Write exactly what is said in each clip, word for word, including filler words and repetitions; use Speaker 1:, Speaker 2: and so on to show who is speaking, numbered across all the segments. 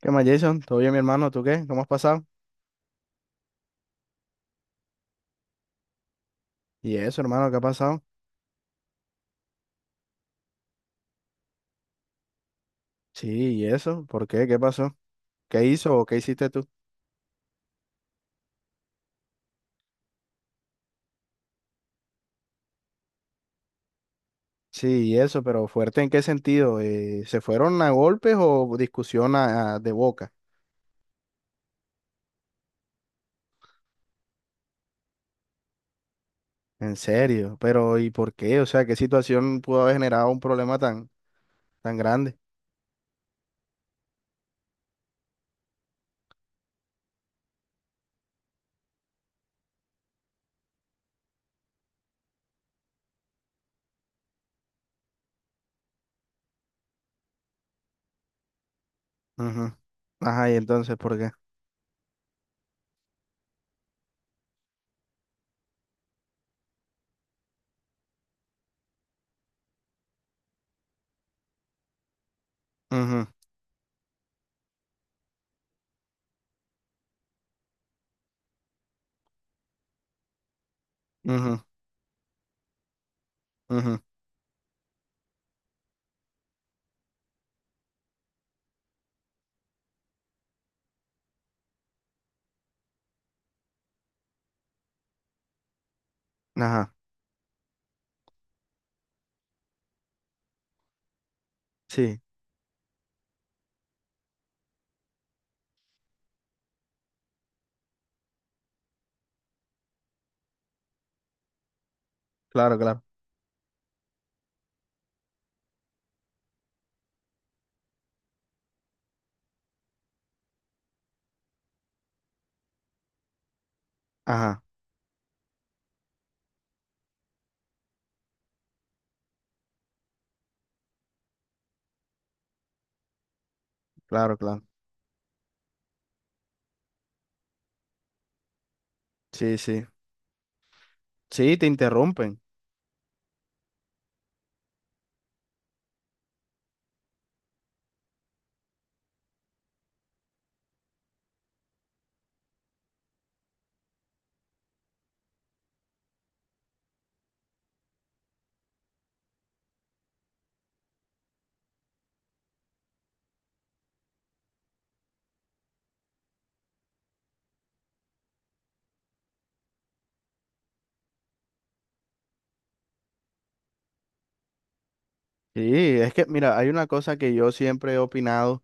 Speaker 1: ¿Qué más, Jason? ¿Todo bien, mi hermano? ¿Tú qué? ¿Cómo has pasado? ¿Y eso, hermano? ¿Qué ha pasado? Sí, ¿y eso? ¿Por qué? ¿Qué pasó? ¿Qué hizo o qué hiciste tú? Sí, ¿y eso? ¿Pero fuerte en qué sentido? Eh, ¿se fueron a golpes o discusión a- a- de boca? En serio, pero ¿y por qué? O sea, ¿qué situación pudo haber generado un problema tan, tan grande? Ujú. Ajá, ¿y entonces por qué? Ujú, ujú, ujú. Ajá, sí, claro, claro. Ajá, claro, claro. Sí, sí. Sí, te interrumpen. Sí, es que, mira, hay una cosa que yo siempre he opinado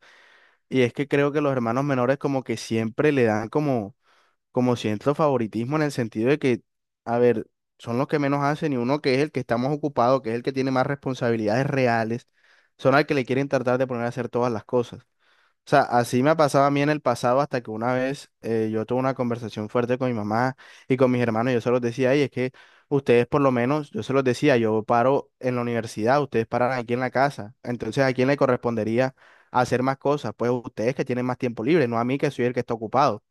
Speaker 1: y es que creo que los hermanos menores como que siempre le dan como, como cierto favoritismo en el sentido de que, a ver, son los que menos hacen y uno que es el que está más ocupado, que es el que tiene más responsabilidades reales, son al que le quieren tratar de poner a hacer todas las cosas. O sea, así me ha pasado a mí en el pasado hasta que una vez eh, yo tuve una conversación fuerte con mi mamá y con mis hermanos. y Yo se los decía, y es que ustedes por lo menos, yo se los decía, yo paro en la universidad, ustedes paran aquí en la casa. Entonces, ¿a quién le correspondería hacer más cosas? Pues ustedes que tienen más tiempo libre, no a mí que soy el que está ocupado.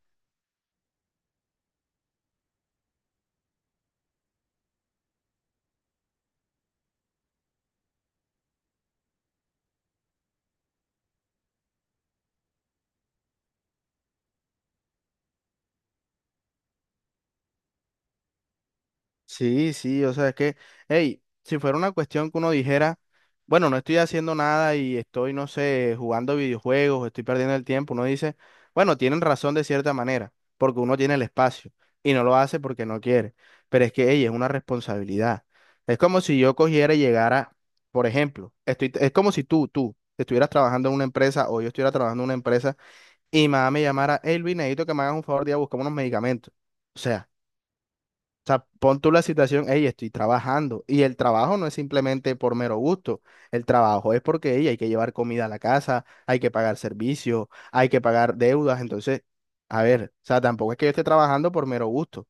Speaker 1: Sí, sí, o sea, es que, hey, si fuera una cuestión que uno dijera, bueno, no estoy haciendo nada y estoy, no sé, jugando videojuegos, estoy perdiendo el tiempo, uno dice, bueno, tienen razón de cierta manera, porque uno tiene el espacio y no lo hace porque no quiere, pero es que, hey, es una responsabilidad. Es como si yo cogiera y llegara, por ejemplo, estoy, es como si tú, tú, estuvieras trabajando en una empresa o yo estuviera trabajando en una empresa y mamá me llamara, hey, Luis, necesito que me hagas un favor de ir a buscar unos medicamentos. O sea. O sea, pon tú la situación, hey, estoy trabajando. Y el trabajo no es simplemente por mero gusto. El trabajo es porque ey, hay que llevar comida a la casa, hay que pagar servicios, hay que pagar deudas. Entonces, a ver, o sea, tampoco es que yo esté trabajando por mero gusto.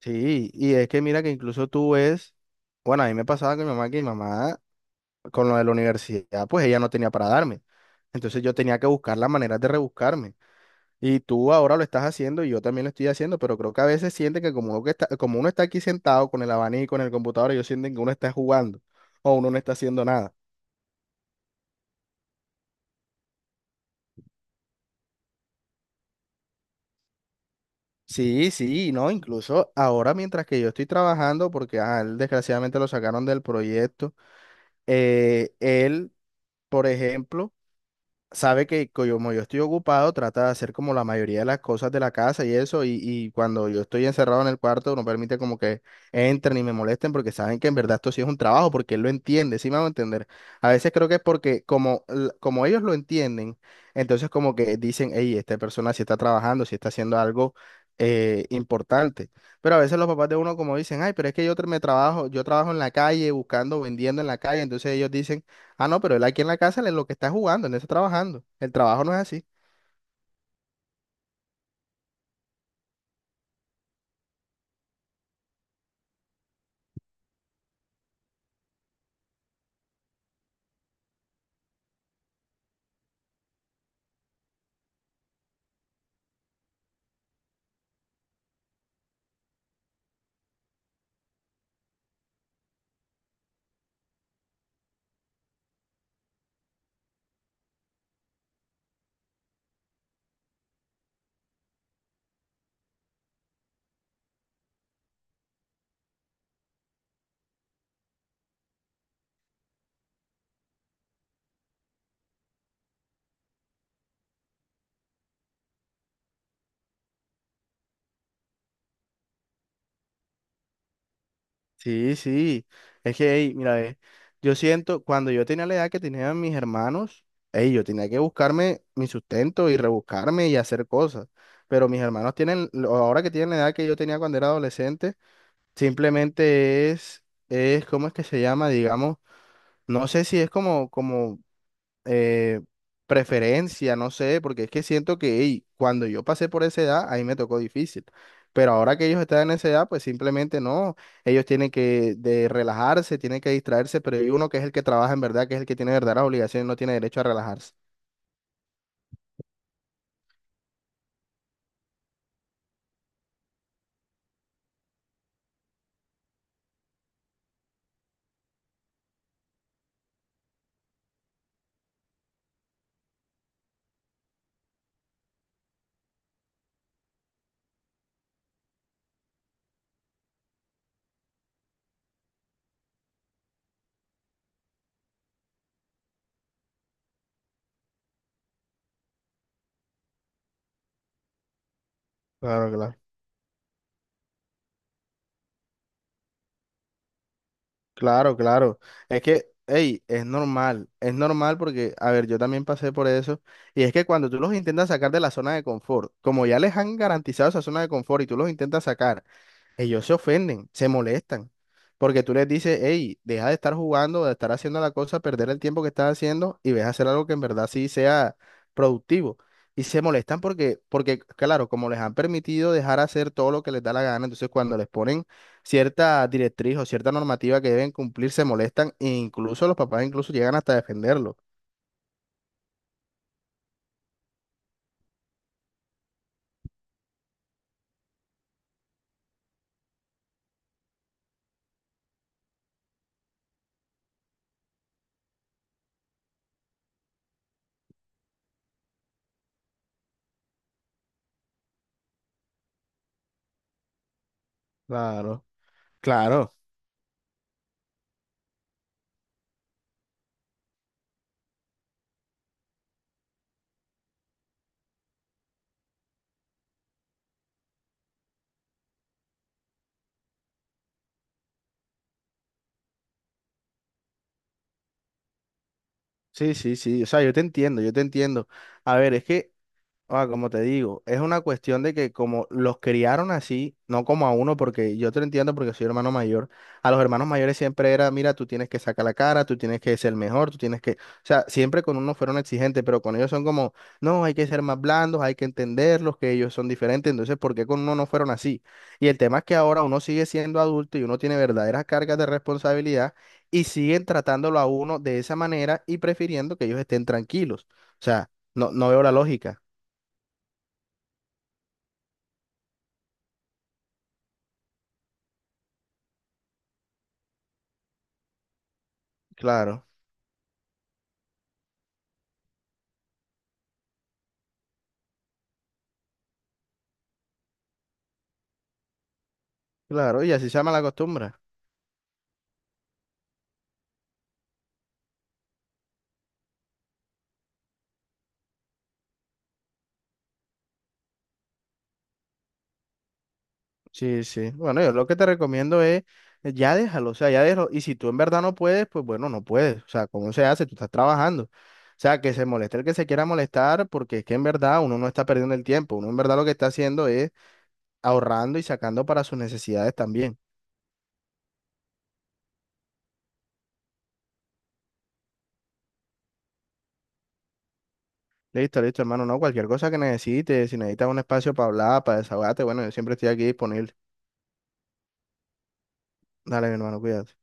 Speaker 1: Sí, y es que mira que incluso tú ves, bueno, a mí me pasaba con mi mamá que mi mamá, con lo de la universidad, pues ella no tenía para darme. Entonces yo tenía que buscar las maneras de rebuscarme. Y tú ahora lo estás haciendo y yo también lo estoy haciendo, pero creo que a veces sienten que como uno, que está, como uno está aquí sentado con el abanico en el computador, ellos sienten que uno está jugando o uno no está haciendo nada. Sí, sí, no, incluso ahora mientras que yo estoy trabajando, porque a él desgraciadamente lo sacaron del proyecto, eh, él, por ejemplo, sabe que co- como yo estoy ocupado, trata de hacer como la mayoría de las cosas de la casa y eso, y, y cuando yo estoy encerrado en el cuarto, no permite como que entren y me molesten porque saben que en verdad esto sí es un trabajo, porque él lo entiende, sí me va a entender. A veces creo que es porque como, l- como ellos lo entienden, entonces como que dicen, hey, esta persona sí está trabajando, sí está haciendo algo. Eh, importante, pero a veces los papás de uno como dicen, ay, pero es que yo tra- me trabajo, yo trabajo en la calle buscando, vendiendo en la calle, entonces ellos dicen: ah, no, pero él aquí en la casa, él es lo que está jugando, él no está trabajando. El trabajo no es así. Sí, sí. Es que, ey, mira, ve, yo siento, cuando yo tenía la edad que tenían mis hermanos, ey, yo tenía que buscarme mi sustento y rebuscarme y hacer cosas. Pero mis hermanos tienen, lo- ahora que tienen la edad que yo tenía cuando era adolescente, simplemente es, es, ¿cómo es que se llama? Digamos, no sé si es como, como eh, preferencia, no sé, porque es que siento que ey, cuando yo pasé por esa edad, ahí me tocó difícil. Pero ahora que ellos están en esa edad, pues simplemente no. Ellos tienen que de relajarse, tienen que distraerse, pero hay uno que es el que trabaja en verdad, que es el que tiene verdaderas obligaciones, no tiene derecho a relajarse. Claro, claro. Claro, claro. Es que, hey, es normal, es normal porque, a ver, yo también pasé por eso. Y es que cuando tú los intentas sacar de la zona de confort, como ya les han garantizado esa zona de confort y tú los intentas sacar, ellos se ofenden, se molestan, porque tú les dices, hey, deja de estar jugando, de estar haciendo la cosa, perder el tiempo que estás haciendo y ves a hacer algo que en verdad sí sea productivo. Y se molestan porque, porque, claro, como les han permitido dejar hacer todo lo que les da la gana, entonces cuando les ponen cierta directriz o cierta normativa que deben cumplir, se molestan e incluso los papás incluso llegan hasta defenderlo. Claro, claro. Sí, sí, sí. O sea, yo te entiendo, yo te entiendo. A ver, es que ah, como te digo, es una cuestión de que como los criaron así, no como a uno, porque yo te lo entiendo porque soy hermano mayor, a los hermanos mayores siempre era, mira, tú tienes que sacar la cara, tú tienes que ser mejor, tú tienes que, o sea, siempre con uno fueron exigentes, pero con ellos son como, no, hay que ser más blandos, hay que entenderlos, que ellos son diferentes, entonces, ¿por qué con uno no fueron así? Y el tema es que ahora uno sigue siendo adulto y uno tiene verdaderas cargas de responsabilidad y siguen tratándolo a uno de esa manera y prefiriendo que ellos estén tranquilos. O sea, no, no veo la lógica. Claro, claro, y así se llama la costumbre. Sí, sí. Bueno, yo lo que te recomiendo es, eh, ya déjalo, o sea, ya déjalo. Y si tú en verdad no puedes, pues bueno, no puedes. O sea, ¿cómo se hace? Tú estás trabajando. O sea, que se moleste el que se quiera molestar, porque es que en verdad uno no está perdiendo el tiempo. Uno en verdad lo que está haciendo es ahorrando y sacando para sus necesidades también. Listo, listo, hermano. No, cualquier cosa que necesites, si necesitas un espacio para hablar, para desahogarte, bueno, yo siempre estoy aquí disponible. Dale, mi hermano, cuídate.